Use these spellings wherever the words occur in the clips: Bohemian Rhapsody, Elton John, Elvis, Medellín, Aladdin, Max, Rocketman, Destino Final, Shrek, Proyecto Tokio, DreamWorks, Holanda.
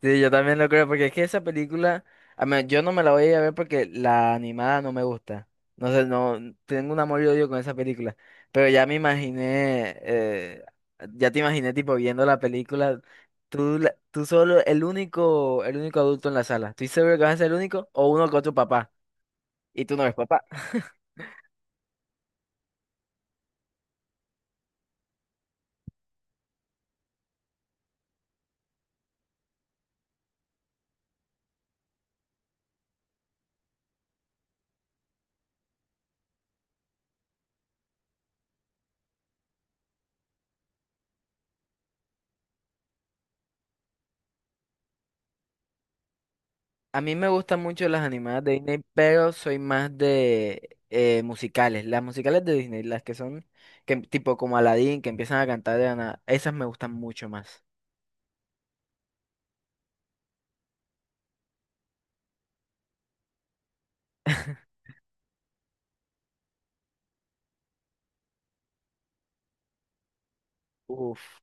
Sí, yo también lo creo, porque es que esa película, yo no me la voy a ir a ver porque la animada no me gusta. No sé, no, tengo un amor y odio con esa película. Pero ya me imaginé, ya te imaginé tipo viendo la película, tú solo, el único adulto en la sala. ¿Estoy seguro que vas a ser el único o uno con tu papá? Y tú no ves papá. A mí me gustan mucho las animadas de Disney, pero soy más de musicales. Las musicales de Disney, las que son tipo como Aladdin, que empiezan a cantar de la nada, esas me gustan mucho más. Uf.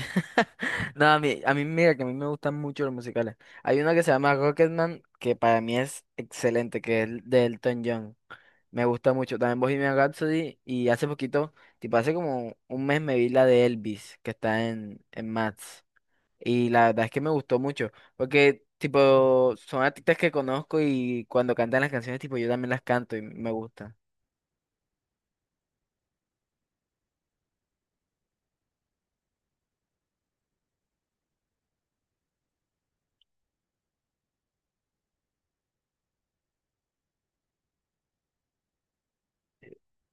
No, a mí mira que a mí me gustan mucho los musicales. Hay una que se llama Rocketman, que para mí es excelente, que es de Elton John. Me gusta mucho. También Bohemian Rhapsody y hace poquito, tipo hace como un mes me vi la de Elvis, que está en Max. Y la verdad es que me gustó mucho, porque tipo son artistas que conozco y cuando cantan las canciones, tipo yo también las canto y me gustan.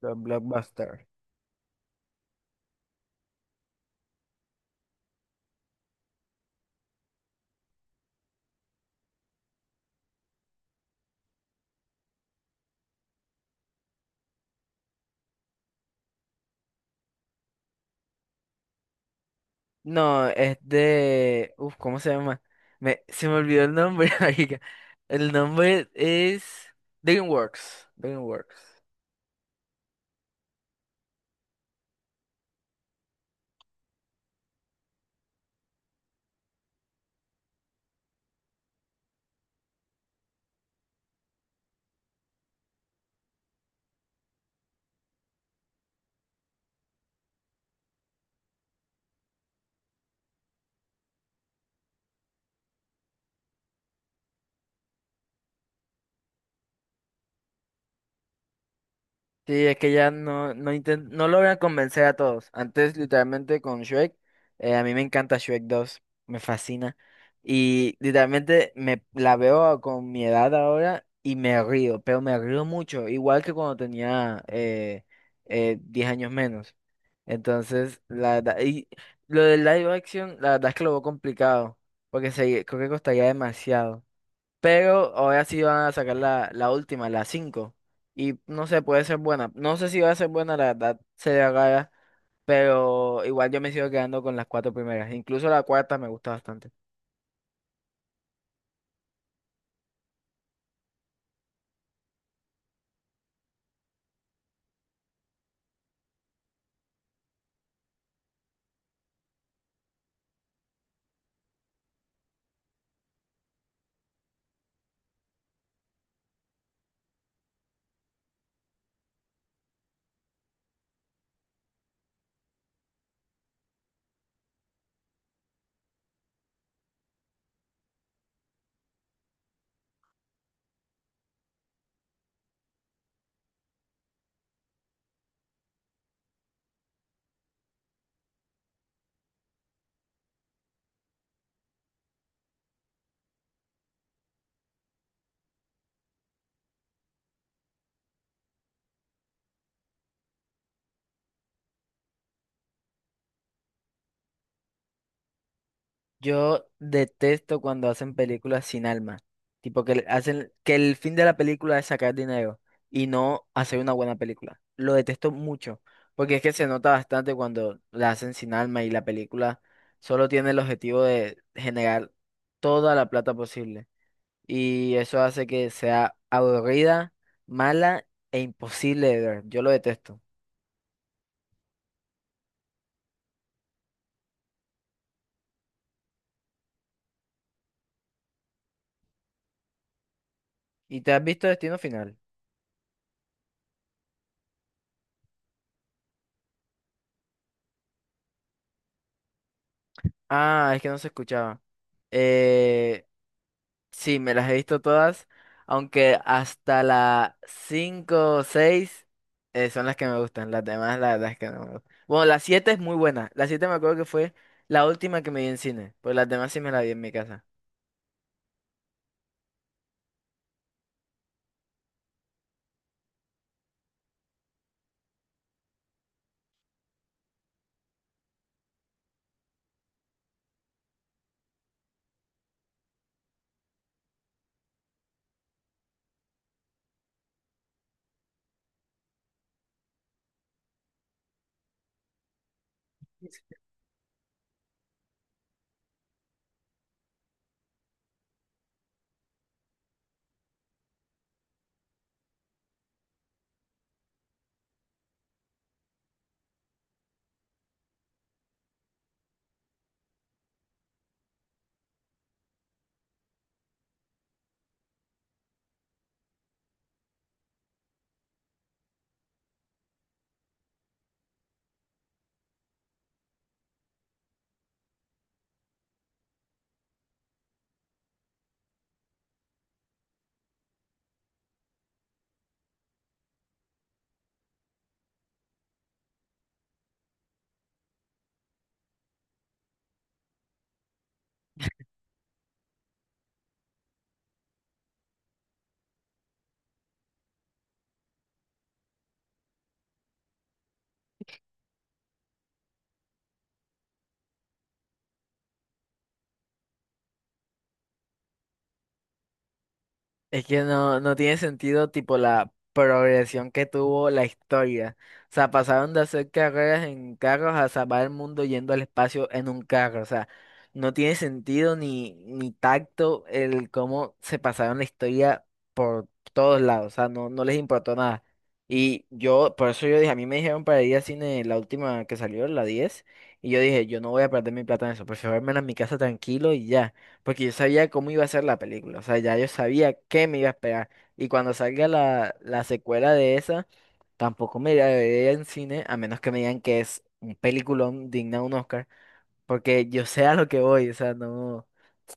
Los Blockbuster. No, es de... Uf, ¿cómo se llama? Me... Se me olvidó el nombre, marica. El nombre es... DreamWorks. DreamWorks. Sí, es que ya no logran convencer a todos. Antes, literalmente, con Shrek, a mí me encanta Shrek 2, me fascina. Y literalmente me la veo con mi edad ahora y me río, pero me río mucho, igual que cuando tenía 10 años menos. Entonces, la verdad, y lo del live action, la verdad es que lo veo complicado, porque se, creo que costaría demasiado. Pero ahora sí van a sacar la última, la cinco. Y no sé, puede ser buena. No sé si va a ser buena, la verdad sería rara. Pero igual yo me sigo quedando con las cuatro primeras. Incluso la cuarta me gusta bastante. Yo detesto cuando hacen películas sin alma. Tipo que hacen que el fin de la película es sacar dinero y no hacer una buena película. Lo detesto mucho, porque es que se nota bastante cuando la hacen sin alma y la película solo tiene el objetivo de generar toda la plata posible. Y eso hace que sea aburrida, mala e imposible de ver. Yo lo detesto. ¿Y te has visto Destino Final? Ah, es que no se escuchaba. Eh, Sí, me las he visto todas, aunque hasta la 5 o 6 son las que me gustan, las demás la verdad es que no me gustan. Bueno, la 7 es muy buena, la 7 me acuerdo que fue la última que me vi en cine, pues las demás sí me las vi en mi casa. Es que no tiene sentido tipo la progresión que tuvo la historia. O sea, pasaron de hacer carreras en carros a salvar el mundo yendo al espacio en un carro, o sea, no tiene sentido ni tacto el cómo se pasaron la historia todos lados, o sea, no les importó nada. Y yo, por eso yo dije, a mí me dijeron para ir al cine la última que salió, la 10 y yo dije, yo no voy a perder mi plata en eso, prefiero verme en mi casa tranquilo y ya, porque yo sabía cómo iba a ser la película, o sea, ya yo sabía qué me iba a esperar. Y cuando salga la secuela de esa, tampoco me iré a ver en cine, a menos que me digan que es un peliculón digna de un Oscar. Porque yo sé a lo que voy, o sea, no,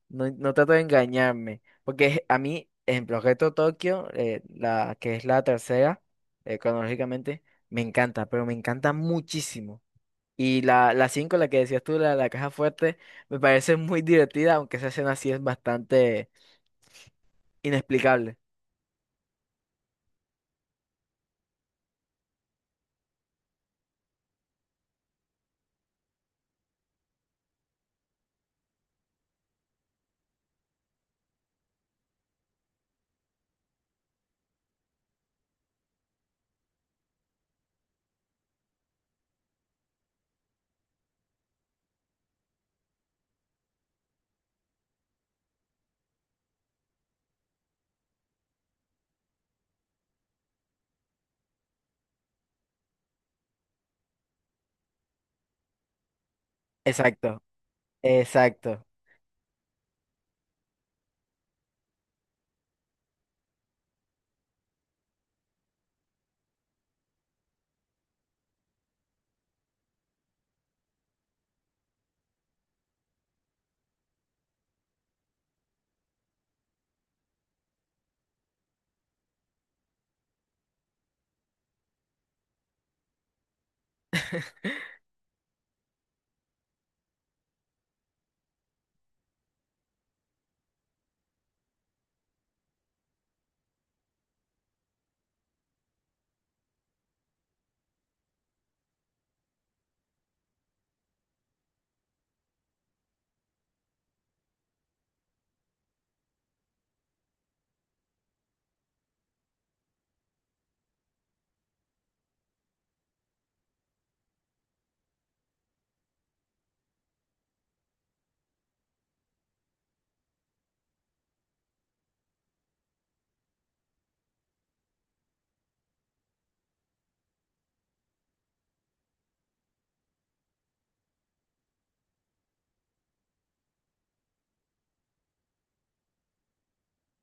no, no trato de engañarme. Porque a mí, en Proyecto Tokio, que es la tercera, cronológicamente, me encanta, pero me encanta muchísimo. Y la 5 la que decías tú, la caja fuerte, me parece muy divertida, aunque esa escena sí es bastante inexplicable. Exacto, exacto.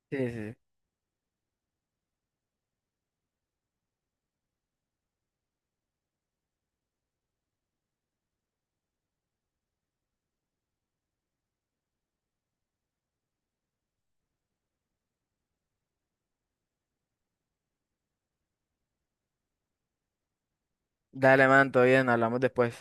Sí, sí. Sí. Dale, man, todo bien, hablamos después.